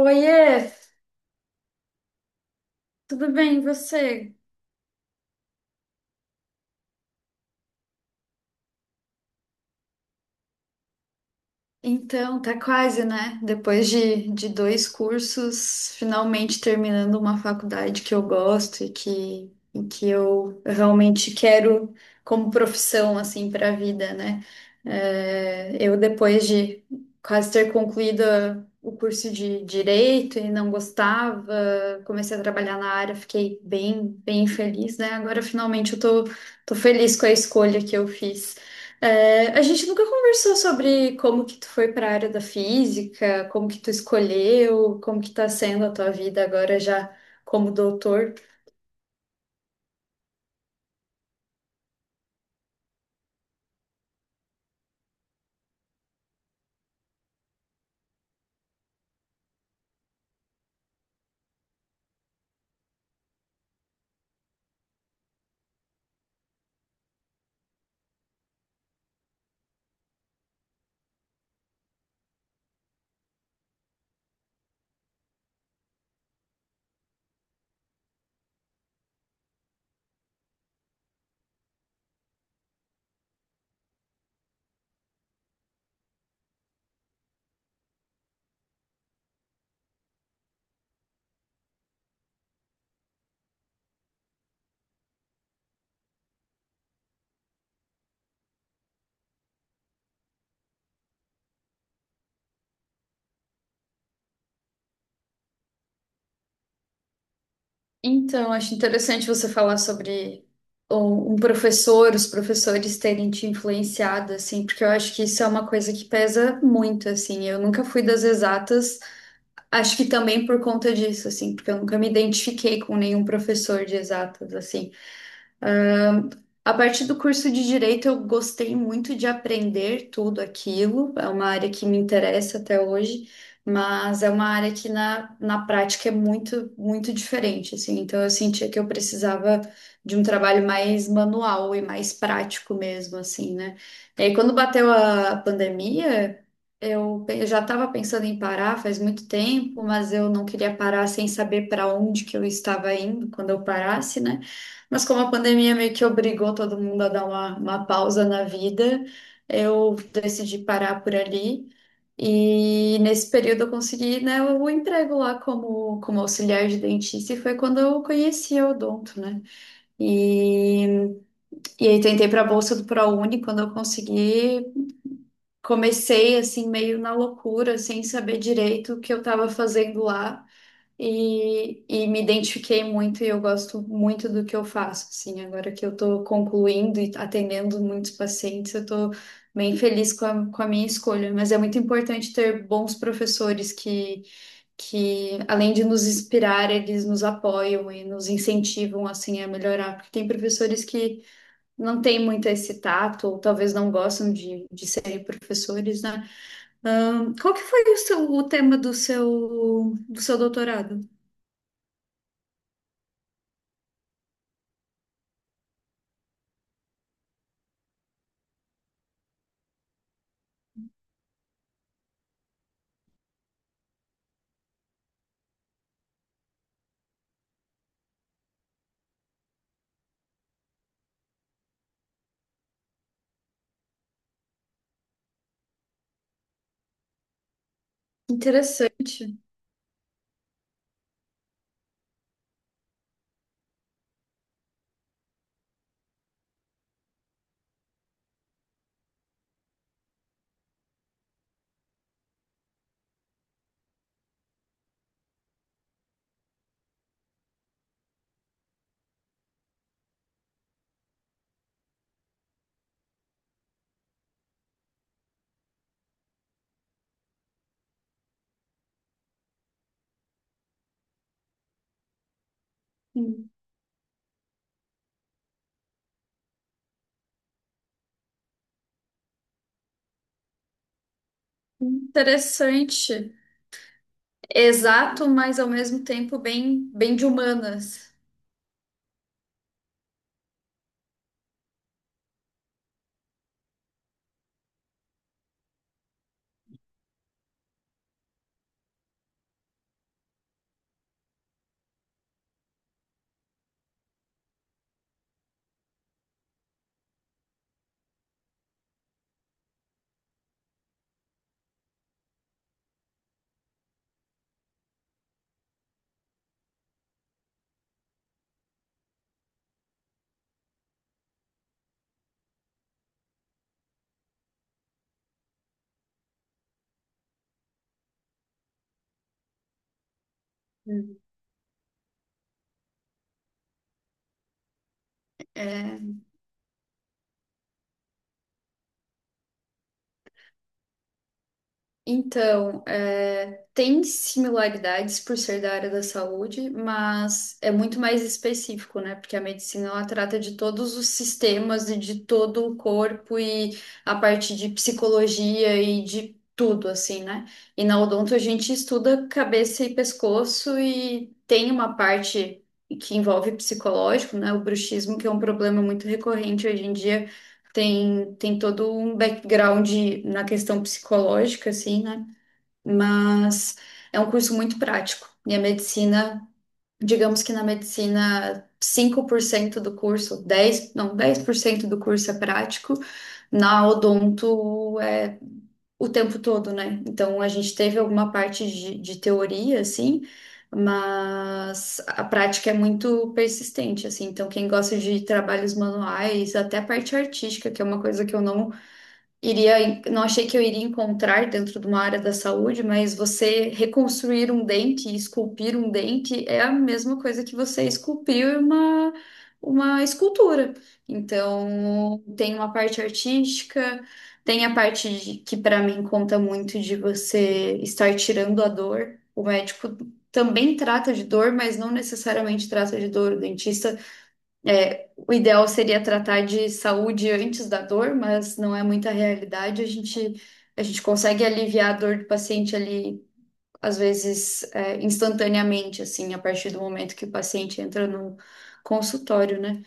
Oiê, tudo bem, e você? Então, tá quase, né? Depois de dois cursos, finalmente terminando uma faculdade que eu gosto e que eu realmente quero como profissão, assim, para a vida, né? É, eu, depois de quase ter concluído o curso de Direito e não gostava, comecei a trabalhar na área, fiquei bem, bem feliz, né? Agora, finalmente, eu tô feliz com a escolha que eu fiz. É, a gente nunca conversou sobre como que tu foi para a área da física, como que tu escolheu, como que tá sendo a tua vida agora já como doutor. Então, acho interessante você falar sobre um professor, os professores terem te influenciado, assim, porque eu acho que isso é uma coisa que pesa muito, assim. Eu nunca fui das exatas, acho que também por conta disso, assim, porque eu nunca me identifiquei com nenhum professor de exatas, assim. A partir do curso de direito, eu gostei muito de aprender tudo aquilo. É uma área que me interessa até hoje, mas é uma área que na prática é muito, muito diferente, assim. Então, eu sentia que eu precisava de um trabalho mais manual e mais prático mesmo, assim, né? E aí, quando bateu a pandemia, eu já estava pensando em parar faz muito tempo, mas eu não queria parar sem saber para onde que eu estava indo quando eu parasse, né? Mas como a pandemia meio que obrigou todo mundo a dar uma pausa na vida, eu decidi parar por ali. E nesse período eu consegui, né, o emprego lá como auxiliar de dentista e foi quando eu conheci a Odonto, né? E, e aí tentei para a bolsa do ProUni, quando eu consegui, comecei assim meio na loucura, sem saber direito o que eu estava fazendo lá e me identifiquei muito e eu gosto muito do que eu faço, assim, agora que eu estou concluindo e atendendo muitos pacientes, eu estou bem feliz com a minha escolha, mas é muito importante ter bons professores que, além de nos inspirar, eles nos apoiam e nos incentivam, assim, a melhorar, porque tem professores que não têm muito esse tato, ou talvez não gostam de serem professores, né? Qual que foi o tema do seu doutorado? Interessante. Hum. Interessante. Exato, mas ao mesmo tempo bem, bem de humanas. Hum. Então, é, tem similaridades por ser da área da saúde, mas é muito mais específico, né? Porque a medicina ela trata de todos os sistemas e de todo o corpo e a parte de psicologia e de tudo, assim, né? E na odonto a gente estuda cabeça e pescoço e tem uma parte que envolve psicológico, né? O bruxismo, que é um problema muito recorrente hoje em dia tem todo um background na questão psicológica, assim, né? Mas é um curso muito prático. E a medicina, digamos que na medicina, 5% do curso, 10 não, 10% do curso é prático, na odonto é o tempo todo, né? Então a gente teve alguma parte de teoria, assim. Mas a prática é muito persistente, assim. Então, quem gosta de trabalhos manuais, até a parte artística, que é uma coisa que eu não não achei que eu iria encontrar dentro de uma área da saúde, mas você reconstruir um dente, esculpir um dente é a mesma coisa que você esculpir uma escultura. Então, tem uma parte artística, tem que para mim conta muito de você estar tirando a dor. O médico também trata de dor, mas não necessariamente trata de dor. O dentista é, o ideal seria tratar de saúde antes da dor, mas não é muita realidade. A gente consegue aliviar a dor do paciente ali, às vezes, é, instantaneamente, assim, a partir do momento que o paciente entra no consultório, né?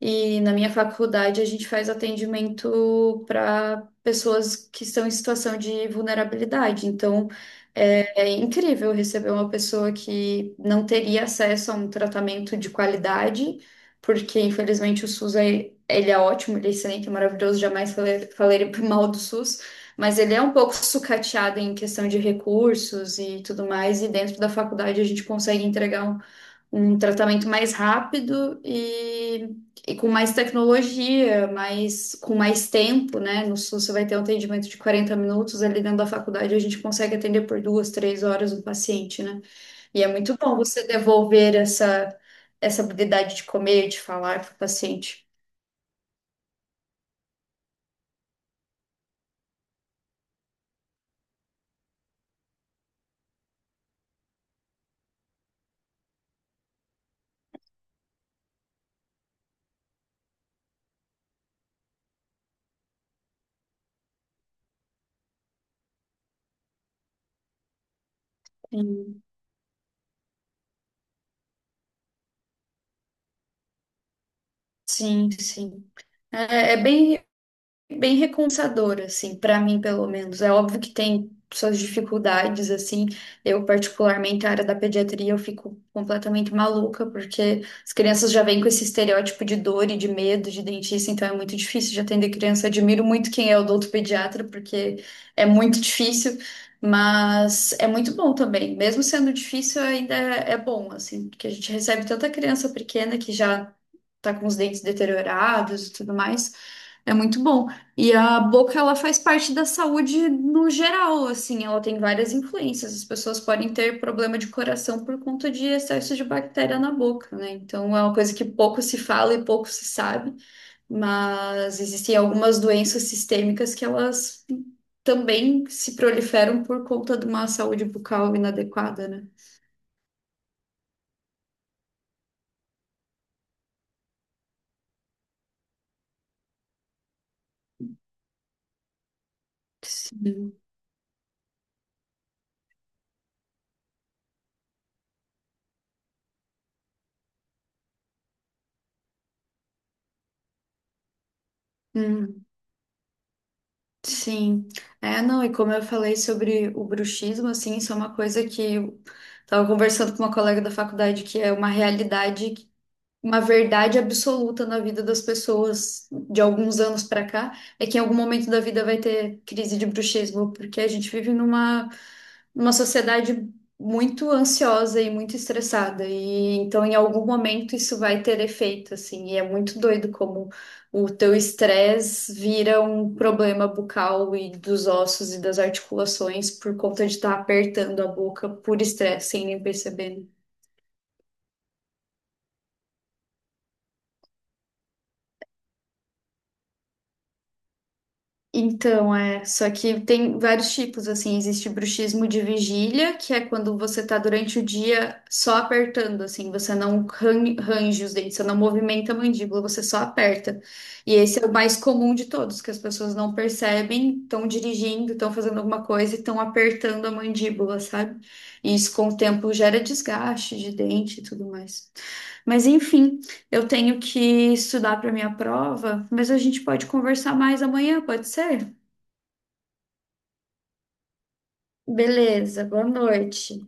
E na minha faculdade a gente faz atendimento para pessoas que estão em situação de vulnerabilidade. Então é incrível receber uma pessoa que não teria acesso a um tratamento de qualidade, porque infelizmente o SUS é, ele é ótimo, ele é excelente, é maravilhoso, jamais falei mal do SUS, mas ele é um pouco sucateado em questão de recursos e tudo mais, e dentro da faculdade a gente consegue entregar um tratamento mais rápido e com mais tecnologia, mais, com mais tempo, né? No SUS você vai ter um atendimento de 40 minutos, ali dentro da faculdade a gente consegue atender por duas, 3 horas um paciente, né? E é muito bom você devolver essa habilidade de comer, de falar para o paciente. Sim, sim. Sim. É bem, bem recompensador, assim, para mim, pelo menos. É óbvio que tem suas dificuldades, assim. Eu, particularmente, a área da pediatria, eu fico completamente maluca, porque as crianças já vêm com esse estereótipo de dor e de medo de dentista, então é muito difícil de atender criança. Admiro muito quem é odontopediatra, porque é muito difícil. Mas é muito bom também. Mesmo sendo difícil, ainda é bom, assim, porque a gente recebe tanta criança pequena que já tá com os dentes deteriorados e tudo mais. É muito bom. E a boca, ela faz parte da saúde no geral, assim, ela tem várias influências. As pessoas podem ter problema de coração por conta de excesso de bactéria na boca, né? Então é uma coisa que pouco se fala e pouco se sabe, mas existem algumas doenças sistêmicas que elas também se proliferam por conta de uma saúde bucal inadequada, né? Sim. Sim, é, não, e como eu falei sobre o bruxismo, assim, isso é uma coisa que eu estava conversando com uma colega da faculdade, que é uma realidade, uma verdade absoluta na vida das pessoas de alguns anos pra cá é que em algum momento da vida vai ter crise de bruxismo, porque a gente vive numa sociedade muito ansiosa e muito estressada, e então em algum momento isso vai ter efeito, assim, e é muito doido como o teu estresse vira um problema bucal e dos ossos e das articulações por conta de estar apertando a boca por estresse sem nem perceber, né? Então, é, só que tem vários tipos, assim, existe bruxismo de vigília, que é quando você tá durante o dia só apertando, assim, você não ran- range os dentes, você não movimenta a mandíbula, você só aperta. E esse é o mais comum de todos, que as pessoas não percebem, estão dirigindo, estão fazendo alguma coisa e estão apertando a mandíbula, sabe? E isso com o tempo gera desgaste de dente e tudo mais. Mas enfim. Eu tenho que estudar para minha prova, mas a gente pode conversar mais amanhã, pode ser? Beleza, boa noite.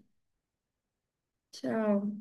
Tchau.